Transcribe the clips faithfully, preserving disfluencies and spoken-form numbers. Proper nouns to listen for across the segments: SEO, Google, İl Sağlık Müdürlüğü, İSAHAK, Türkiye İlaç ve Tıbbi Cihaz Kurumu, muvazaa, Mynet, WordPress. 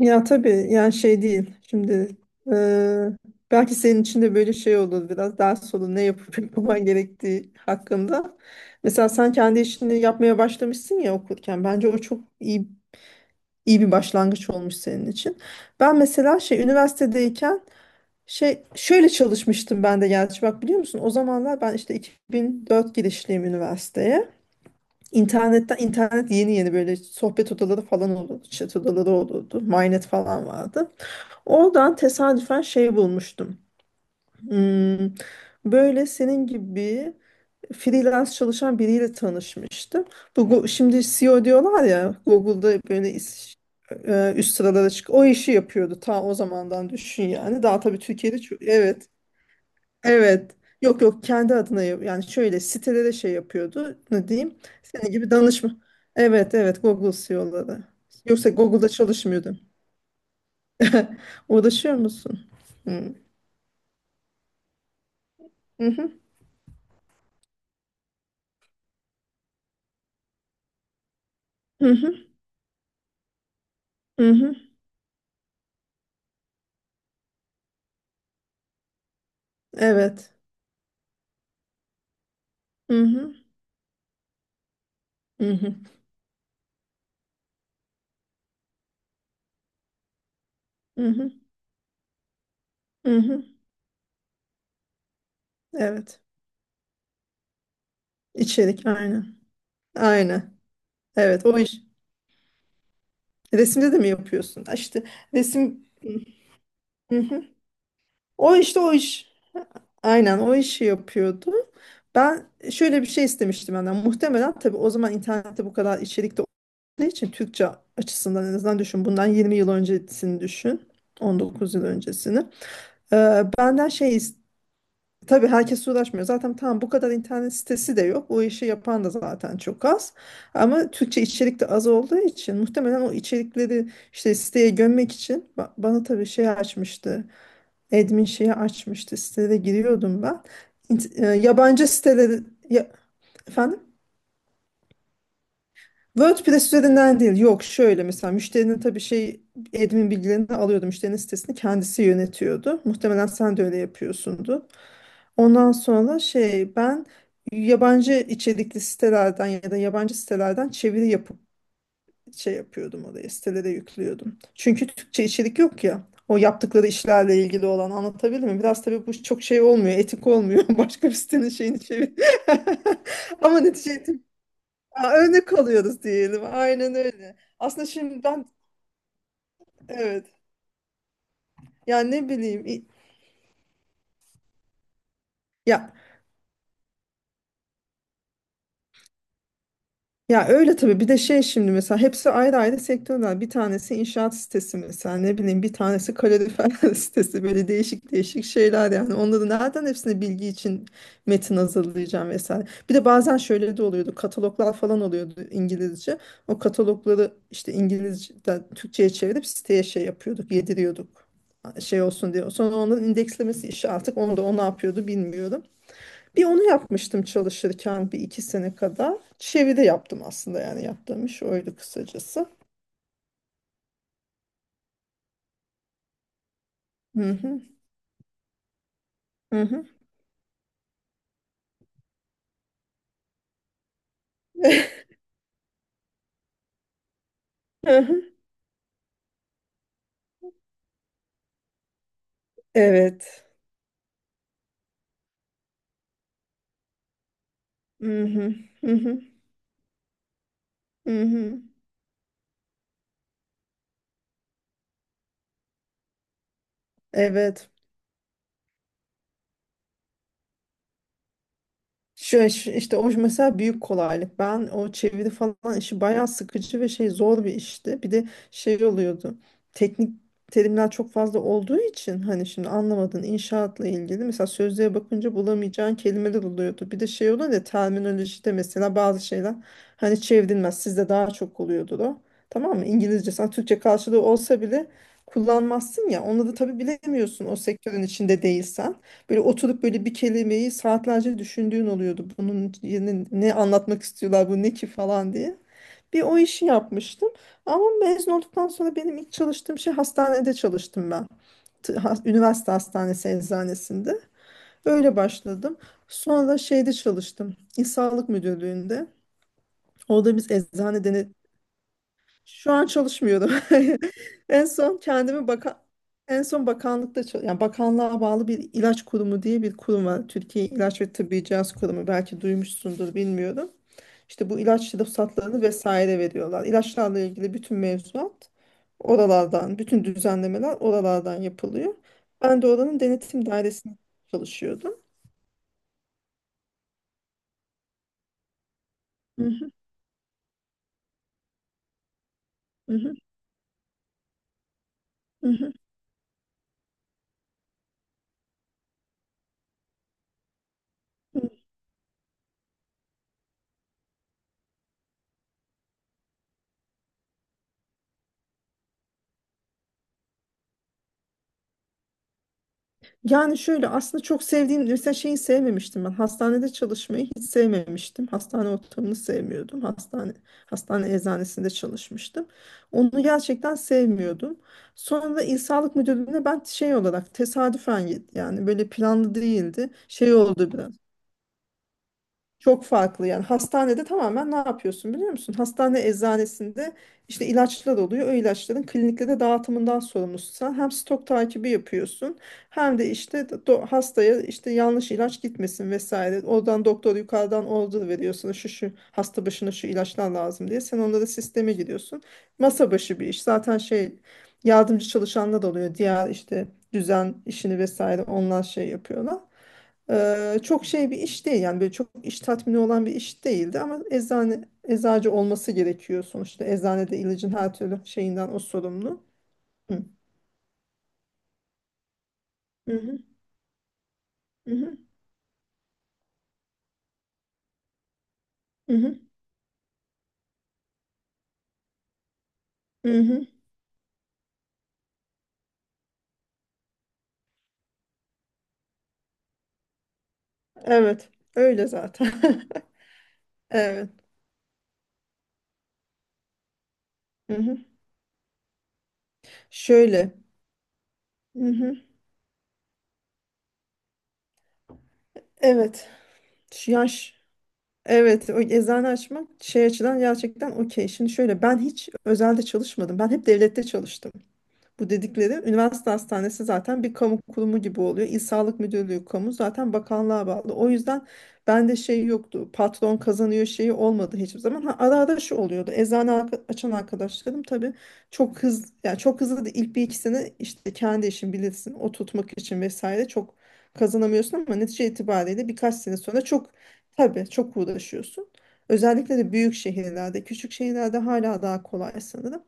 Ya tabii yani şey değil. Şimdi e, belki senin için de böyle şey olur biraz daha sonra ne yapıp yapman gerektiği hakkında. Mesela sen kendi işini yapmaya başlamışsın ya okurken. Bence o çok iyi iyi bir başlangıç olmuş senin için. Ben mesela şey üniversitedeyken şey şöyle çalışmıştım ben de gerçi bak biliyor musun? O zamanlar ben işte iki bin dört girişliyim üniversiteye. İnternetten internet yeni yeni böyle sohbet odaları falan olurdu, chat odaları olurdu, Mynet falan vardı. Oradan tesadüfen şey bulmuştum. Hmm, böyle senin gibi freelance çalışan biriyle tanışmıştım. Bu Go- şimdi C E O diyorlar ya Google'da böyle is- e, üst sıralara çık. O işi yapıyordu ta o zamandan düşün yani. Daha tabii Türkiye'de çok evet. Evet. Yok yok kendi adına yap- yani şöyle sitelere şey yapıyordu. Ne diyeyim? Senin gibi danışma. Evet evet Google C E O'ları. Yoksa Google'da çalışmıyordu. Uğraşıyor musun? Hı. Hı, hı hı, hı hı, evet. Hı hı, hı hı, hı hı, hı hı, evet. İçerik, aynı. Aynı. Evet, o iş. Resimde de mi yapıyorsun? Ha, İşte resim... Hı hı. O işte o iş. Aynen o işi yapıyordu. Ben şöyle bir şey istemiştim benden. Muhtemelen tabii o zaman internette bu kadar içerik de olduğu için Türkçe açısından en azından düşün. Bundan yirmi yıl öncesini düşün. On dokuz yıl öncesini. Ee, benden şey is- Tabii herkes uğraşmıyor. Zaten tam bu kadar internet sitesi de yok. O işi yapan da zaten çok az. Ama Türkçe içerik de az olduğu için muhtemelen o içerikleri işte siteye gömmek için ba- bana tabii şey açmıştı. Admin şeyi açmıştı. Sitelere giriyordum ben. İnt- e, yabancı siteleri ya- efendim? WordPress üzerinden değil. Yok şöyle mesela müşterinin tabii şey admin bilgilerini alıyordu. Müşterinin sitesini kendisi yönetiyordu. Muhtemelen sen de öyle yapıyorsundu. Ondan sonra şey ben yabancı içerikli sitelerden ya da yabancı sitelerden çeviri yapıp şey yapıyordum oraya sitelere yüklüyordum. Çünkü Türkçe içerik yok ya. O yaptıkları işlerle ilgili olan anlatabilir mi? Biraz tabii bu çok şey olmuyor, etik olmuyor. Başka bir sitenin şeyini çevir. Ama netice aa, örnek alıyoruz diyelim. Aynen öyle. Aslında şimdi ben evet. Yani ne bileyim i- ya ya öyle tabii bir de şey şimdi mesela hepsi ayrı ayrı sektörler. Bir tanesi inşaat sitesi mesela ne bileyim bir tanesi kalorifer sitesi böyle değişik değişik şeyler yani. Onları nereden hepsine bilgi için metin hazırlayacağım vesaire. Bir de bazen şöyle de oluyordu kataloglar falan oluyordu İngilizce. O katalogları işte İngilizce'den Türkçe'ye çevirip siteye şey yapıyorduk yediriyorduk şey olsun diye. Sonra onların indeklemesi işi artık onu da o ne yapıyordu bilmiyorum. Bir onu yapmıştım çalışırken bir iki sene kadar. Çeviri yaptım aslında yani yaptığım iş oydu kısacası. Hı hı, hı hı, hı hı. Evet. Hı hı, hı hı, hı hı. Evet. Şu, şu- işte o mesela büyük kolaylık. Ben o çeviri falan işi bayağı sıkıcı ve şey zor bir işti. Bir de şey oluyordu. Teknik terimler çok fazla olduğu için hani şimdi anlamadığın inşaatla ilgili mesela sözlüğe bakınca bulamayacağın kelimeler oluyordu. Bir de şey oluyor ya terminolojide mesela bazı şeyler hani çevrilmez. Sizde daha çok oluyordu o. Tamam mı? İngilizce sen Türkçe karşılığı olsa bile kullanmazsın ya. Onları tabii bilemiyorsun o sektörün içinde değilsen. Böyle oturup böyle bir kelimeyi saatlerce düşündüğün oluyordu. Bunun yerine ne anlatmak istiyorlar bu ne ki falan diye. Bir o işi yapmıştım. Ama mezun olduktan sonra benim ilk çalıştığım şey hastanede çalıştım ben. T- ha- üniversite hastanesi eczanesinde. Öyle başladım. Sonra şeyde çalıştım. İl Sağlık Müdürlüğü'nde. Orada biz eczane şu an çalışmıyordum. En son kendimi baka en son bakanlıkta çal- yani bakanlığa bağlı bir ilaç kurumu diye bir kurum var. Türkiye İlaç ve Tıbbi Cihaz Kurumu belki duymuşsundur bilmiyorum. İşte bu ilaç ruhsatlarını vesaire veriyorlar. İlaçlarla ilgili bütün mevzuat oralardan, bütün düzenlemeler oralardan yapılıyor. Ben de oranın denetim dairesinde çalışıyordum. Mhm, mhm, mhm. Yani şöyle aslında çok sevdiğim mesela şeyi sevmemiştim ben. Hastanede çalışmayı hiç sevmemiştim. Hastane ortamını sevmiyordum. Hastane hastane eczanesinde çalışmıştım. Onu gerçekten sevmiyordum. Sonra da İl Sağlık Müdürlüğü'ne ben şey olarak tesadüfen git- yani böyle planlı değildi. Şey oldu biraz. Çok farklı yani hastanede tamamen ne yapıyorsun biliyor musun? Hastane eczanesinde işte ilaçlar oluyor. O ilaçların kliniklere dağıtımından sorumlusun. Sen hem stok takibi yapıyorsun hem de işte do- hastaya işte yanlış ilaç gitmesin vesaire. Oradan doktor yukarıdan order veriyorsun. Şu şu hasta başına şu ilaçlar lazım diye. Sen onlara sisteme giriyorsun. Masa başı bir iş. Zaten şey yardımcı çalışanlar da oluyor. Diğer işte düzen işini vesaire onlar şey yapıyorlar. Eee, çok şey bir iş değil yani böyle çok iş tatmini olan bir iş değildi ama eczane eczacı olması gerekiyor sonuçta eczanede ilacın her türlü şeyinden o sorumlu. Hı. Hı hı, hı hı, hı hı, hı hı. Evet öyle zaten. Evet. Hı hı. Şöyle. Hı hı. Evet. Şu Yaş. Evet, o eczane açmak şey açıdan gerçekten okey. Şimdi şöyle ben hiç özelde çalışmadım. Ben hep devlette çalıştım. Bu dedikleri üniversite hastanesi zaten bir kamu kurumu gibi oluyor. İl Sağlık Müdürlüğü kamu zaten bakanlığa bağlı. O yüzden bende şey yoktu. Patron kazanıyor şeyi olmadı hiçbir zaman. Ha, ara ara şu oluyordu. Eczane arka- açan arkadaşlarım tabii çok hızlı yani çok hızlı da ilk bir iki sene işte kendi işin bilirsin o tutmak için vesaire çok kazanamıyorsun ama netice itibariyle birkaç sene sonra çok tabii çok uğraşıyorsun. Özellikle de büyük şehirlerde, küçük şehirlerde hala daha kolay sanırım.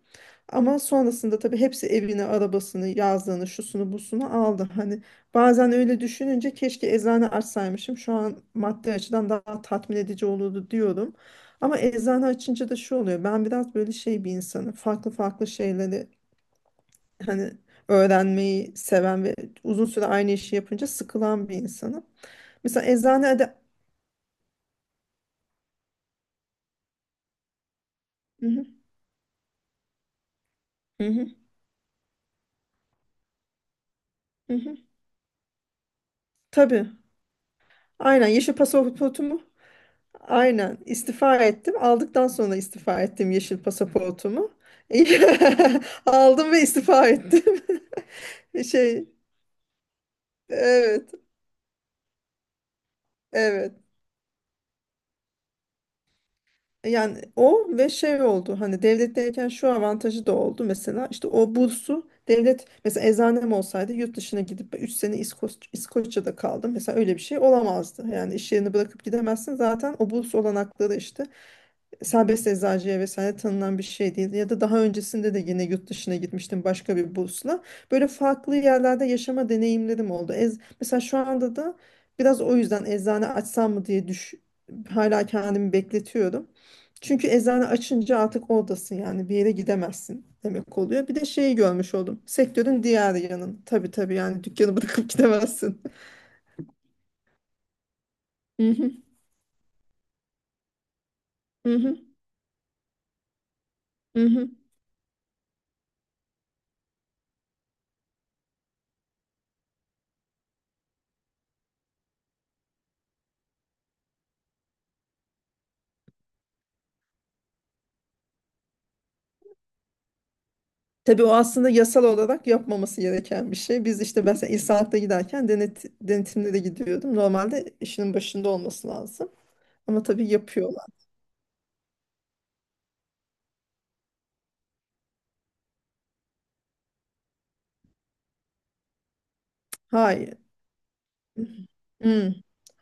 Ama sonrasında tabii hepsi evini, arabasını, yazlığını, şusunu, busunu aldı. Hani bazen öyle düşününce keşke eczane açsaymışım. Şu an maddi açıdan daha tatmin edici olurdu diyorum. Ama eczane açınca da şu oluyor. Ben biraz böyle şey bir insanım. Farklı farklı şeyleri hani öğrenmeyi seven ve uzun süre aynı işi yapınca sıkılan bir insanım. Mesela eczanede... Hı hı, hı hı, hı hı. Tabii. Aynen yeşil pasaportu mu? Aynen istifa ettim. Aldıktan sonra istifa ettim yeşil pasaportumu. Aldım ve istifa ettim. Şey, evet, evet. Yani o ve şey oldu. Hani devletteyken şu avantajı da oldu mesela. İşte o bursu devlet mesela eczanem olsaydı yurt dışına gidip üç sene İskoç, İskoçya'da kaldım. Mesela öyle bir şey olamazdı. Yani iş yerini bırakıp gidemezsin. Zaten o burs olanakları işte serbest eczacıya vesaire tanınan bir şey değil. Ya da daha öncesinde de yine yurt dışına gitmiştim başka bir bursla. Böyle farklı yerlerde yaşama deneyimlerim oldu. Ez, mesela şu anda da biraz o yüzden eczane açsam mı diye düş, hala kendimi bekletiyorum. Çünkü eczane açınca artık oradasın yani bir yere gidemezsin demek oluyor. Bir de şeyi görmüş oldum. Sektörün diğer yanın. Tabii tabii yani dükkanı bırakıp gidemezsin. Mhm, mhm, mhm. Tabii o aslında yasal olarak yapmaması gereken bir şey. Biz işte ben mesela İSAHAK'ta giderken denet, denetimlere gidiyordum. Normalde işinin başında olması lazım. Ama tabii yapıyorlar. Hayır. Hmm.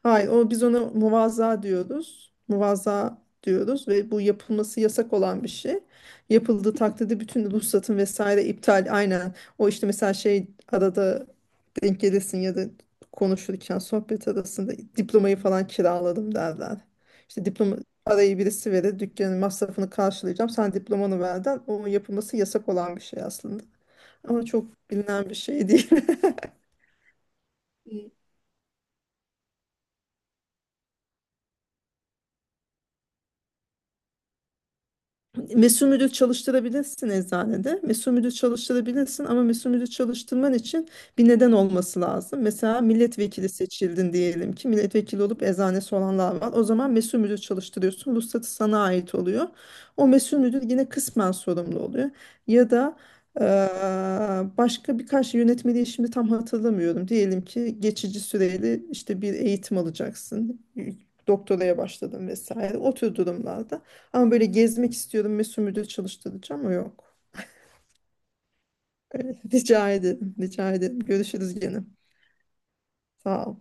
Hayır, o biz ona muvazaa diyoruz. Muvazaa diyoruz ve bu yapılması yasak olan bir şey. Yapıldığı takdirde bütün ruhsatın vesaire iptal aynen. O işte mesela şey arada denk gelirsin ya da konuşurken sohbet arasında diplomayı falan kiraladım derler. İşte diploma parayı birisi verir dükkanın masrafını karşılayacağım. Sen diplomanı verden o yapılması yasak olan bir şey aslında. Ama çok bilinen bir şey değil. Mesul müdür çalıştırabilirsin eczanede. Mesul müdür çalıştırabilirsin ama mesul müdür çalıştırman için bir neden olması lazım. Mesela milletvekili seçildin diyelim ki milletvekili olup eczanesi olanlar var. O zaman mesul müdür çalıştırıyorsun. Ruhsatı sana ait oluyor. O mesul müdür yine kısmen sorumlu oluyor. Ya da eee, başka birkaç yönetmeliği şimdi tam hatırlamıyorum. Diyelim ki geçici süreli işte bir eğitim alacaksın. Doktoraya başladın vesaire. O tür durumlarda. Ama böyle gezmek istiyordum ve sümürde çalıştıracağım ama yok. Öyle, rica ederim, rica ederim. Görüşürüz gene. Sağ ol.